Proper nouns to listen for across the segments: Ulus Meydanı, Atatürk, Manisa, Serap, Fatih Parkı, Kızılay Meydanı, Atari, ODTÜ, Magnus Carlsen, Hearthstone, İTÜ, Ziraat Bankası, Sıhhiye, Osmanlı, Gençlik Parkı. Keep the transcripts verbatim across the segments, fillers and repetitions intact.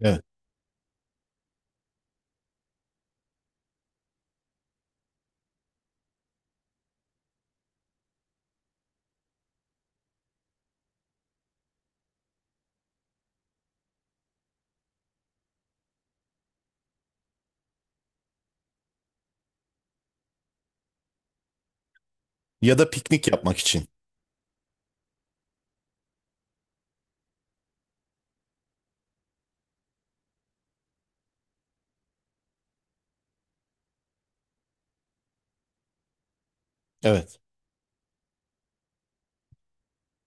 Evet. Ya da piknik yapmak için. Evet.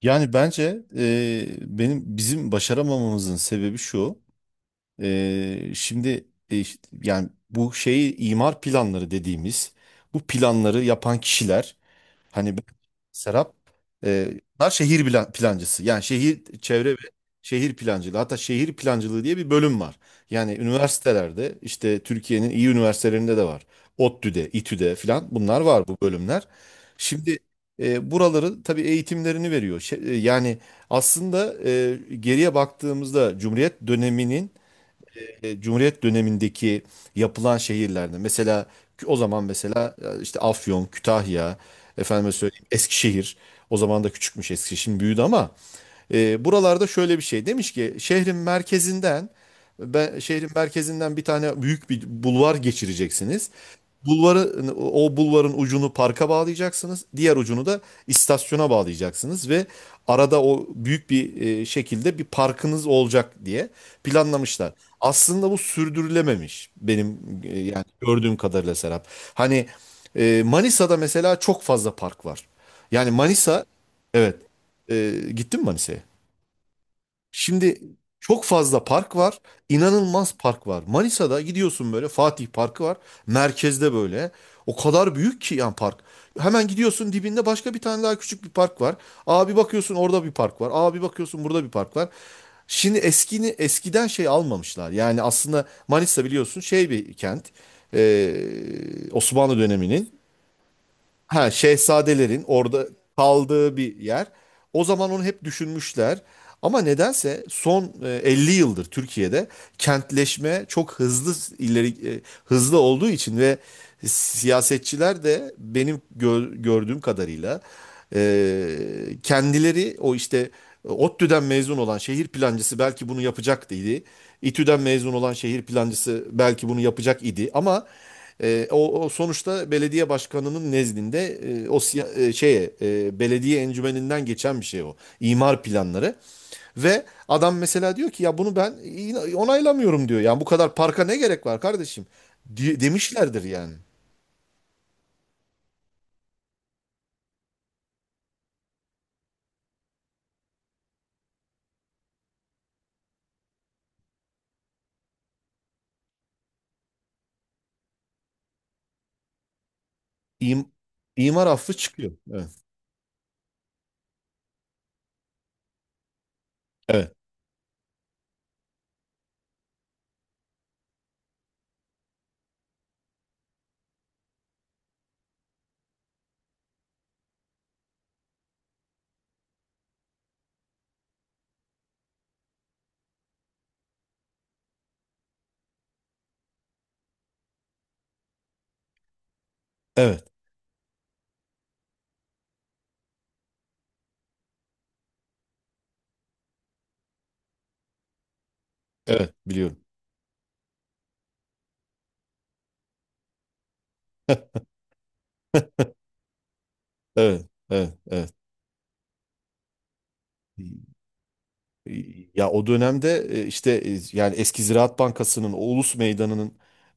Yani bence e, benim bizim başaramamamızın sebebi şu. E, şimdi e, işte yani bu şeyi imar planları dediğimiz bu planları yapan kişiler. Hani ben- Serap, e, bunlar şehir plan- plancısı. Yani şehir çevre ve şehir plancılığı. Hatta şehir plancılığı diye bir bölüm var. Yani üniversitelerde işte Türkiye'nin iyi üniversitelerinde de var. ODTÜ'de, İTÜ'de filan bunlar var bu bölümler. Şimdi e, buraları tabii eğitimlerini veriyor. Şey- e, yani aslında e, geriye baktığımızda Cumhuriyet döneminin e, Cumhuriyet dönemindeki yapılan şehirlerde mesela o zaman mesela e, işte Afyon, Kütahya, efendime söyleyeyim Eskişehir, o zaman da küçükmüş Eskişehir, şimdi büyüdü ama e, buralarda şöyle bir şey demiş ki şehrin merkezinden ben şehrin merkezinden bir tane büyük bir bulvar geçireceksiniz. Bulvarı o bulvarın ucunu parka bağlayacaksınız. Diğer ucunu da istasyona bağlayacaksınız ve arada o büyük bir e, şekilde bir parkınız olacak diye planlamışlar. Aslında bu sürdürülememiş benim e, yani gördüğüm kadarıyla Serap. Hani e, Manisa'da mesela çok fazla park var. Yani Manisa, evet, e, gittin mi Manisa'ya? Şimdi çok fazla park var. İnanılmaz park var. Manisa'da gidiyorsun, böyle Fatih Parkı var. Merkezde böyle. O kadar büyük ki yani park. Hemen gidiyorsun, dibinde başka bir tane daha küçük bir park var. Abi bakıyorsun orada bir park var. Abi bakıyorsun burada bir park var. Şimdi eskini eskiden şey almamışlar. Yani aslında Manisa, biliyorsun, şey, bir kent. Ee, Osmanlı döneminin. Ha, şehzadelerin orada kaldığı bir yer. O zaman onu hep düşünmüşler. Ama nedense son e, elli yıldır Türkiye'de kentleşme çok hızlı ileri e, hızlı olduğu için ve siyasetçiler de benim gö- gördüğüm kadarıyla e, kendileri, o işte ODTÜ'den mezun olan şehir plancısı belki bunu yapacak idi, İTÜ'den mezun olan şehir plancısı belki bunu yapacak idi, ama e, o, o sonuçta belediye başkanının nezdinde, e, o siya- e, şeye e, belediye encümeninden geçen bir şey o. İmar planları ve adam mesela diyor ki ya bunu ben in- onaylamıyorum diyor. Yani bu kadar parka ne gerek var kardeşim? Di- demişlerdir yani. İm, imar affı çıkıyor. Evet. Evet. Evet. Evet. Biliyorum. Evet. Evet. Evet. Ya o dönemde, e, işte e, yani eski Ziraat Bankası'nın, o Ulus Meydanı'nın,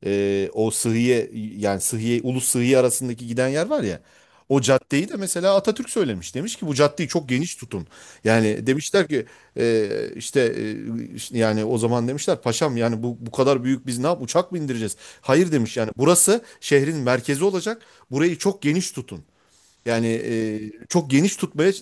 e, o Sıhhiye yani Sıhhiye, Ulus, Sıhhiye arasındaki giden yer var ya, o caddeyi de mesela Atatürk söylemiş. Demiş ki bu caddeyi çok geniş tutun. Yani demişler ki e, işte e, işte yani o zaman demişler paşam, yani bu bu kadar büyük biz ne yap uçak mı indireceğiz? Hayır demiş, yani burası şehrin merkezi olacak. Burayı çok geniş tutun. Yani e, çok geniş tutmaya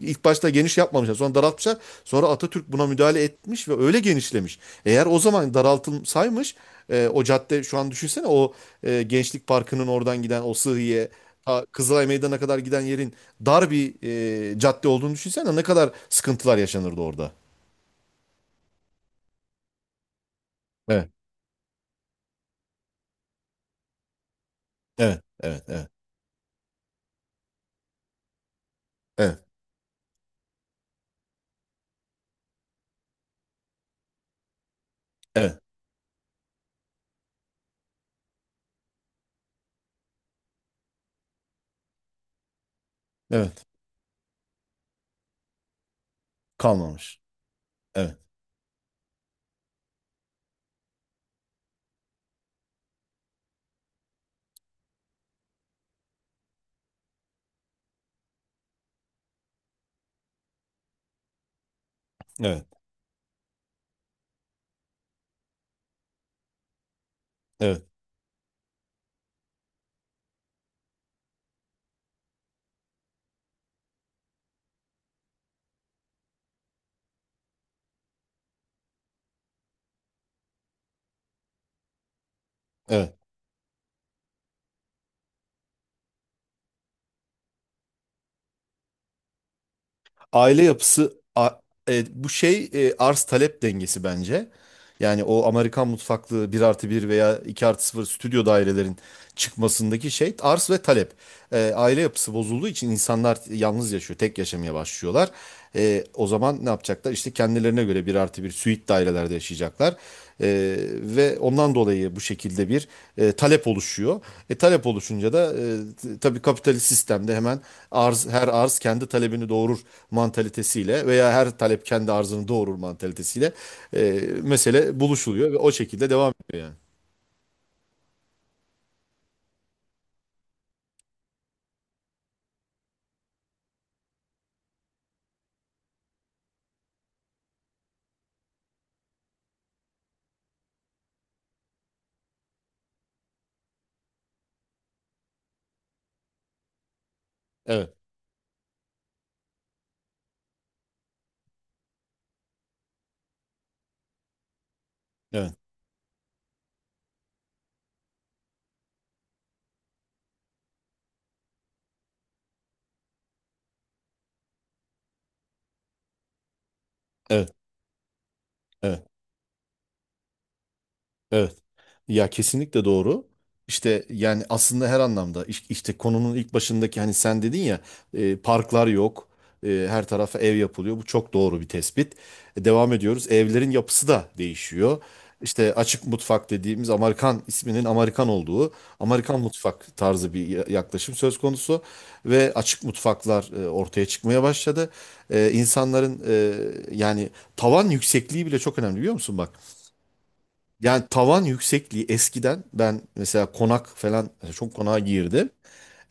ilk başta geniş yapmamışlar. Sonra daraltmışlar. Sonra Atatürk buna müdahale etmiş ve öyle genişlemiş. Eğer o zaman daraltılsaymış, e, o cadde şu an düşünsene, o e, Gençlik Parkı'nın oradan giden o Sıhhiye, ta Kızılay Meydanı'na kadar giden yerin dar bir e, cadde olduğunu düşünsene, ne kadar sıkıntılar yaşanırdı orada. Evet, evet, evet, evet, evet, evet, evet. Kalmamış. Evet, evet, evet, evet. aile yapısı a- e, bu şey e, arz talep dengesi bence. Yani o Amerikan mutfaklı bir artı bir veya iki artı sıfır stüdyo dairelerin çıkmasındaki şey, arz ve talep. E, aile yapısı bozulduğu için insanlar yalnız yaşıyor, tek yaşamaya başlıyorlar. E, o zaman ne yapacaklar? İşte kendilerine göre bir artı bir süit dairelerde yaşayacaklar. E, Ve ondan dolayı bu şekilde bir e, talep oluşuyor. E, talep oluşunca da e, t- tabii kapitalist sistemde hemen arz, her arz kendi talebini doğurur mantalitesiyle veya her talep kendi arzını doğurur mantalitesiyle e, mesele buluşuluyor ve o şekilde devam ediyor yani. Evet, evet, evet, evet. Evet. Ya kesinlikle doğru. İşte yani aslında her anlamda iş- işte konunun ilk başındaki hani sen dedin ya, e, parklar yok. E, her tarafa ev yapılıyor. Bu çok doğru bir tespit. E, devam ediyoruz. Evlerin yapısı da değişiyor. İşte açık mutfak dediğimiz, Amerikan isminin Amerikan olduğu Amerikan mutfak tarzı bir ya- yaklaşım söz konusu ve açık mutfaklar e, ortaya çıkmaya başladı. E, insanların e, yani tavan yüksekliği bile çok önemli, biliyor musun bak? Yani tavan yüksekliği eskiden, ben mesela konak falan, mesela çok konağa girdim.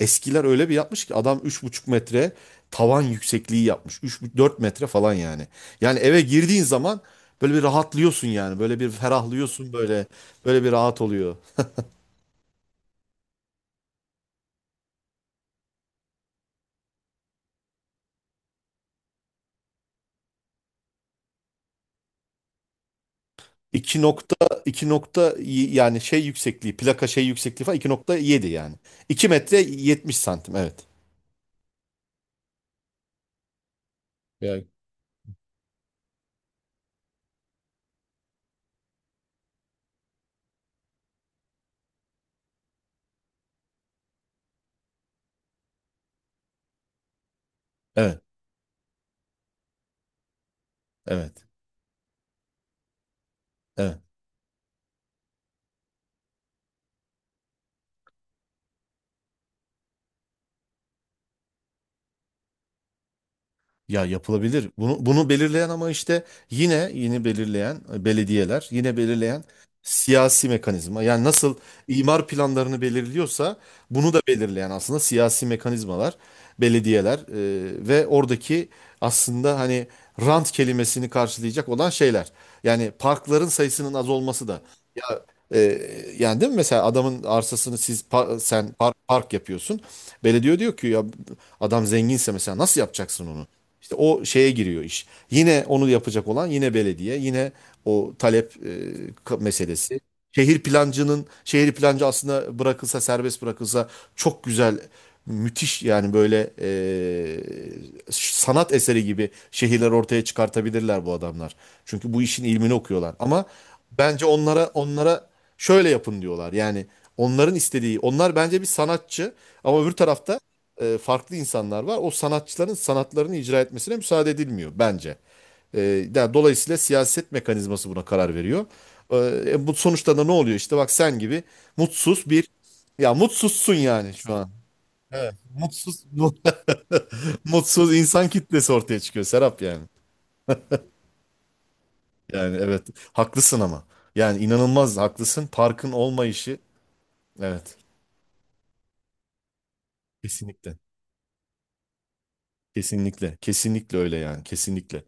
Eskiler öyle bir yapmış ki adam üç buçuk metre tavan yüksekliği yapmış. üç dört metre falan yani. Yani eve girdiğin zaman böyle bir rahatlıyorsun yani. Böyle bir ferahlıyorsun böyle. Böyle bir rahat oluyor. iki nokta iki nokta y- yani şey yüksekliği, plaka şey yüksekliği falan iki nokta yedi yani. iki metre yetmiş santim, evet. Yani, Evet. Evet. Evet. Ya yapılabilir. Bunu, bunu belirleyen ama işte yine yine belirleyen e, belediyeler, yine belirleyen siyasi mekanizma. Yani nasıl imar planlarını belirliyorsa, bunu da belirleyen aslında siyasi mekanizmalar, belediyeler e, ve oradaki aslında hani rant kelimesini karşılayacak olan şeyler. Yani parkların sayısının az olması da, ee, yani değil mi, mesela adamın arsasını siz pa- sen par- park yapıyorsun. Belediye diyor ki ya adam zenginse mesela nasıl yapacaksın onu? İşte o şeye giriyor iş. Yine onu yapacak olan yine belediye, yine o talep, e, ka- meselesi. Şehir plancının, şehir plancı aslında bırakılsa, serbest bırakılsa çok güzel, müthiş yani, böyle e, sanat eseri gibi şehirler ortaya çıkartabilirler bu adamlar. Çünkü bu işin ilmini okuyorlar. Ama bence onlara onlara şöyle yapın diyorlar. Yani onların istediği, onlar bence bir sanatçı, ama öbür tarafta e, farklı insanlar var. O sanatçıların sanatlarını icra etmesine müsaade edilmiyor bence. E, Yani dolayısıyla siyaset mekanizması buna karar veriyor. Ee, E, bu sonuçta da ne oluyor? İşte bak, sen gibi mutsuz bir, ya, mutsuzsun yani şu an. Evet. Mutsuz, mutsuz insan kitlesi ortaya çıkıyor Serap yani. Yani evet, haklısın ama. Yani inanılmaz haklısın. Parkın olmayışı, evet, kesinlikle. Kesinlikle. Kesinlikle öyle yani. Kesinlikle.